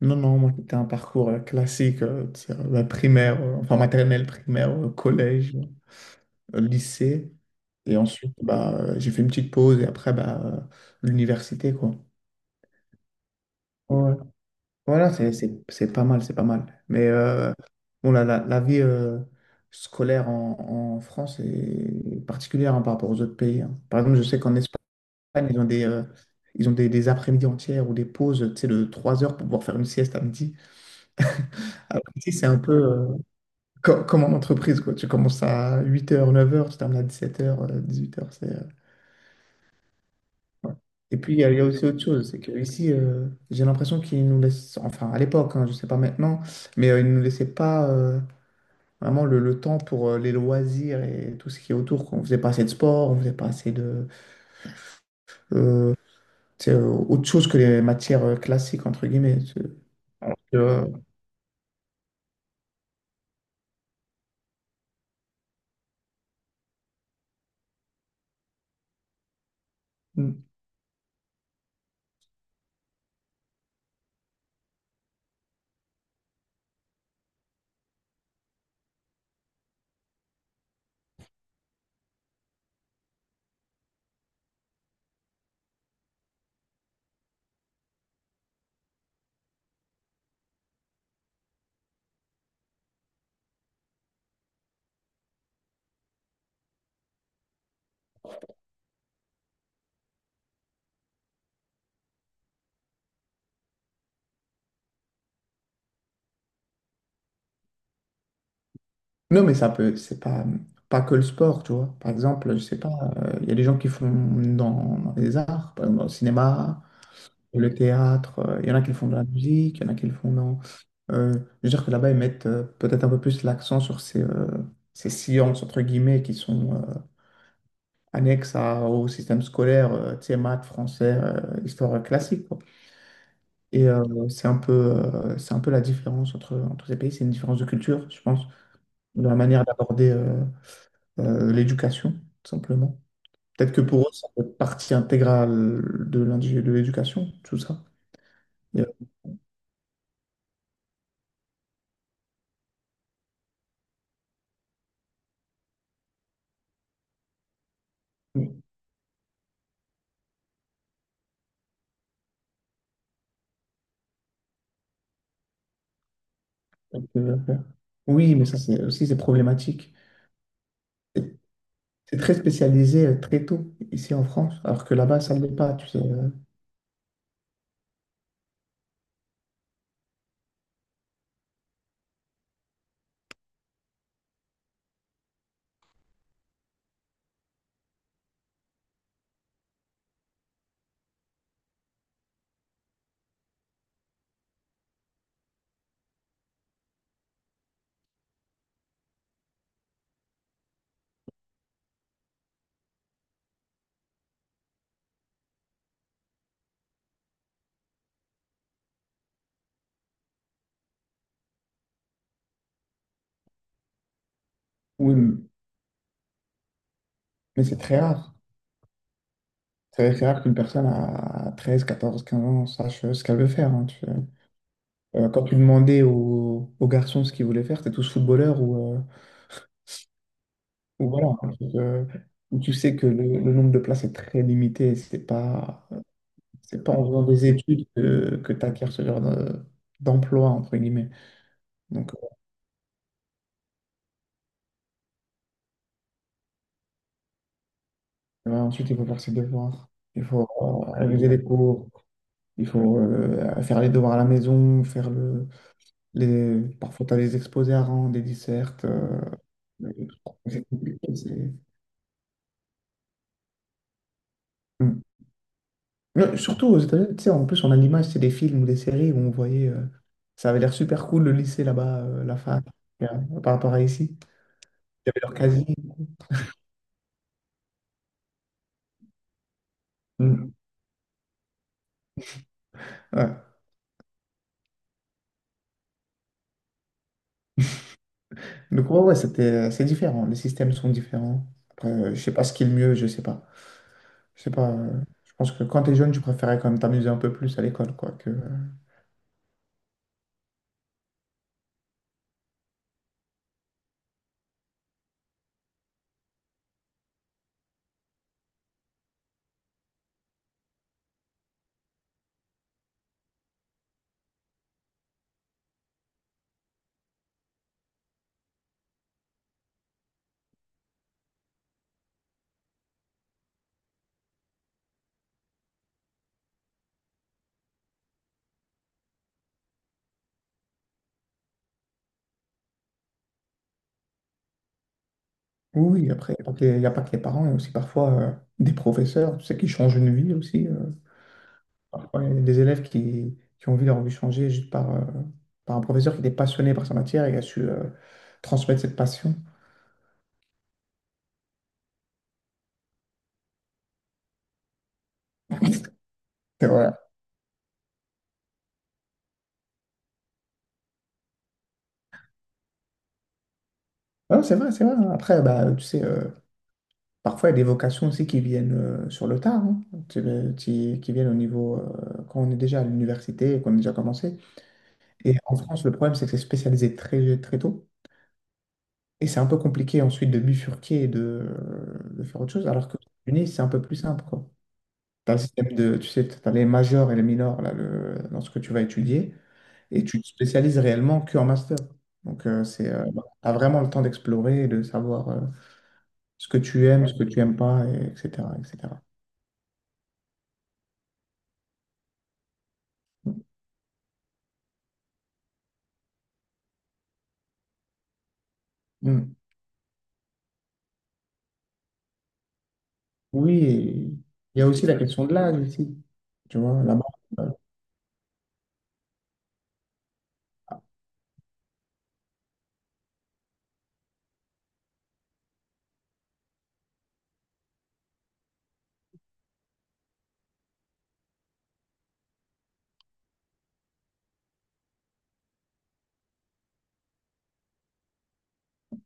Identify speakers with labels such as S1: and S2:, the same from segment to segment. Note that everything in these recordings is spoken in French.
S1: Non, non, moi, c'était un parcours classique, tu sais, primaire, enfin maternelle, primaire, collège, lycée. Et ensuite, bah, j'ai fait une petite pause et après, bah, l'université, quoi. Ouais. Voilà, c'est pas mal, c'est pas mal. Mais bon, la vie scolaire en France est particulière, hein, par rapport aux autres pays, hein. Par exemple, je sais qu'en Espagne, ils ont des, euh, ils ont des après-midi entières ou des pauses, tu sais, de 3 heures pour pouvoir faire une sieste à midi. Alors ici, c'est un peu comme en entreprise, quoi. Tu commences à 8 heures, 9 heures, tu termines à 17h, 18h. Ouais. Et puis, il y a aussi autre chose, c'est qu'ici, j'ai l'impression qu'ils nous laissent, enfin à l'époque, hein, je ne sais pas maintenant, mais ils ne nous laissaient pas vraiment le temps pour les loisirs et tout ce qui est autour, quoi. On ne faisait pas assez de sport, on ne faisait pas assez de... euh, tu sais, euh, autre chose que les matières classiques, entre guillemets. Alors que, euh, Non, mais c'est pas que le sport, tu vois. Par exemple, je sais pas, il y a des gens qui font dans les arts, par exemple dans le cinéma, le théâtre, il y en a qui le font dans la musique, il y en a qui le font dans. Je veux dire que là-bas, ils mettent peut-être un peu plus l'accent sur ces sciences, entre guillemets, qui sont annexes au système scolaire, tu sais, maths, français, histoire classique, quoi. Et c'est un peu la différence entre, entre ces pays, c'est une différence de culture, je pense, dans la manière d'aborder l'éducation, tout simplement. Peut-être que pour eux, ça fait partie intégrale de de l'éducation, tout ça. Il y a- il y a- Oui, mais ça c'est aussi c'est problématique. C'est c'est très spécialisé très tôt ici en France, alors que là-bas ça ne l'est pas, tu sais. Oui, mais c'est très rare. C'est très rare qu'une personne à 13, 14, 15 ans sache ce qu'elle veut faire, hein, tu sais. Quand tu demandais aux garçons ce qu'ils voulaient faire, c'était tous footballeurs ou voilà, un truc, où tu sais que le nombre de places est très limité, c'est pas en faisant des études que tu acquiers ce genre d'emploi, entre guillemets. Donc, ouais, ensuite, il faut faire ses devoirs, il faut réviser les cours, il faut faire les devoirs à la maison, faire les, parfois tu as des exposés à rendre, des dissertes. C'est compliqué. Hmm. Mais surtout aux États-Unis, tu sais, en plus, on a l'image, c'est des films ou des séries où on voyait, ça avait l'air super cool le lycée là-bas, la fac, euh, par rapport à ici. Il y avait leur casier. Mm. Ouais. Donc, ouais, ouais, c'est différent. Les systèmes sont différents. Après, je sais pas ce qui est le mieux, je sais pas. Je sais pas. Je pense que quand t'es jeune, tu préférais quand même t'amuser un peu plus à l'école, quoi. Oui, oui, après, il n'y a pas que les y a pas que les parents, il y a aussi parfois des professeurs, tu sais, qui changent une vie aussi. Parfois, il y a des élèves qui ont vu leur vie changer juste par un professeur qui était passionné par sa matière et qui a su transmettre cette passion. C'est vrai. Non, c'est vrai, c'est vrai. Après, bah, tu sais, parfois, il y a des vocations aussi qui viennent sur le tard, hein, qui viennent au niveau, quand on est déjà à l'université et qu'on a déjà commencé. Et en France, le problème, c'est que c'est spécialisé très, très tôt. Et c'est un peu compliqué ensuite de bifurquer et de faire autre chose, alors que aux États-Unis, c'est un peu plus simple, quoi. T'as le système de, tu sais, t'as les majors et les minors là, dans ce que tu vas étudier, et tu te spécialises réellement que en master. Donc, t'as vraiment le temps d'explorer et de savoir ce que tu aimes, ce que tu aimes pas, et etc., etc. Mm. Oui, et il y a aussi la question de l'âge ici. Tu vois, là-bas. euh,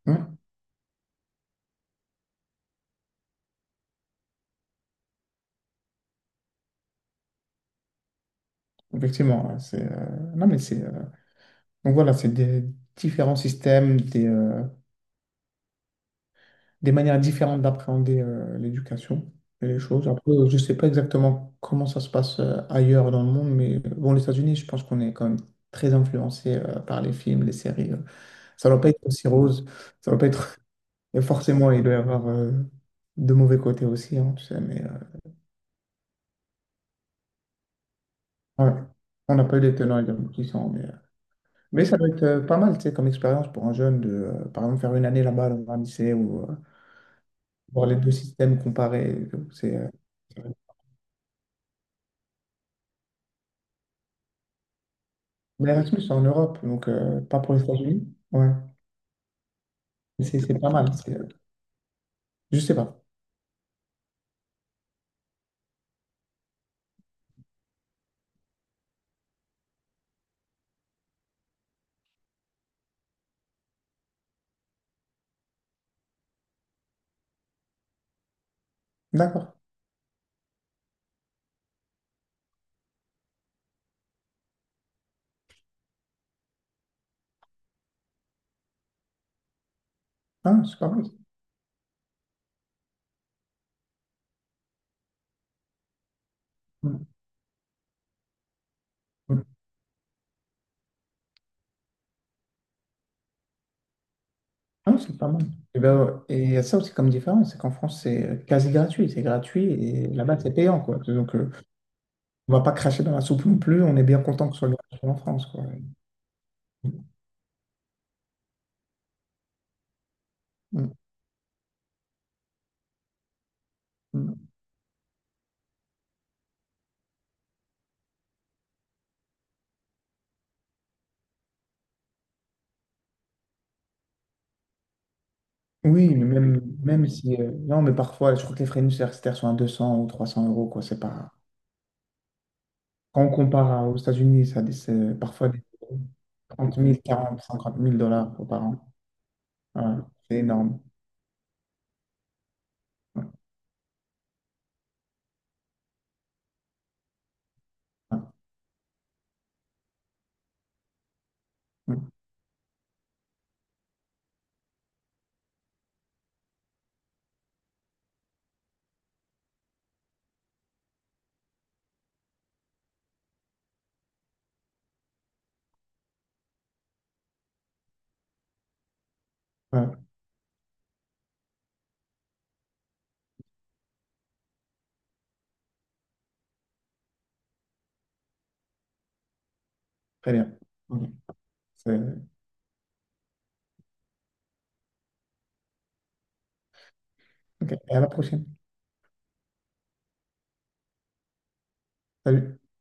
S1: hein, effectivement, hein, c'est. Non, mais c'est. Donc voilà, c'est des différents systèmes, des manières différentes d'appréhender l'éducation et les choses. Après, je ne sais pas exactement comment ça se passe ailleurs dans le monde, mais bon, les États-Unis, je pense qu'on est quand même très influencé par les films, les séries. Ça ne doit pas être aussi rose, ça ne doit pas être. Et forcément, il doit y avoir de mauvais côtés aussi, hein, tu sais, mais ouais. On n'a pas eu les tenants et les aboutissants, mais ça doit être pas mal, tu sais, comme expérience pour un jeune de, par exemple, faire une année là-bas dans un lycée ou voir les deux systèmes comparés. C'est euh, Mais Erasmus, c'est en Europe, donc pas pour les États-Unis. Ouais, c'est pas mal. Je sais pas. D'accord. Ah, c'est pas mal. Mm. Mm. Ah, c'est pas mal. Et, ben, ouais. Et il y a ça aussi comme différence, c'est qu'en France, c'est quasi gratuit. C'est gratuit et là-bas, c'est payant, quoi. Donc, on va pas cracher dans la soupe non plus. On est bien content que ce soit gratuit en France, quoi. Mm. Mm. Oui, mais même, même si... Non, mais parfois, je crois que les frais universitaires sont à 200 ou 300 euros, quoi. C'est pas. Quand on compare aux États-Unis, ça, c'est parfois des 30 000, 40, 50 mille dollars par an. Voilà. C'est énorme. Ouais. Ouais. Ouais. Ouais. Très bien. Ok. C'est- ok. Et à la prochaine. Salut.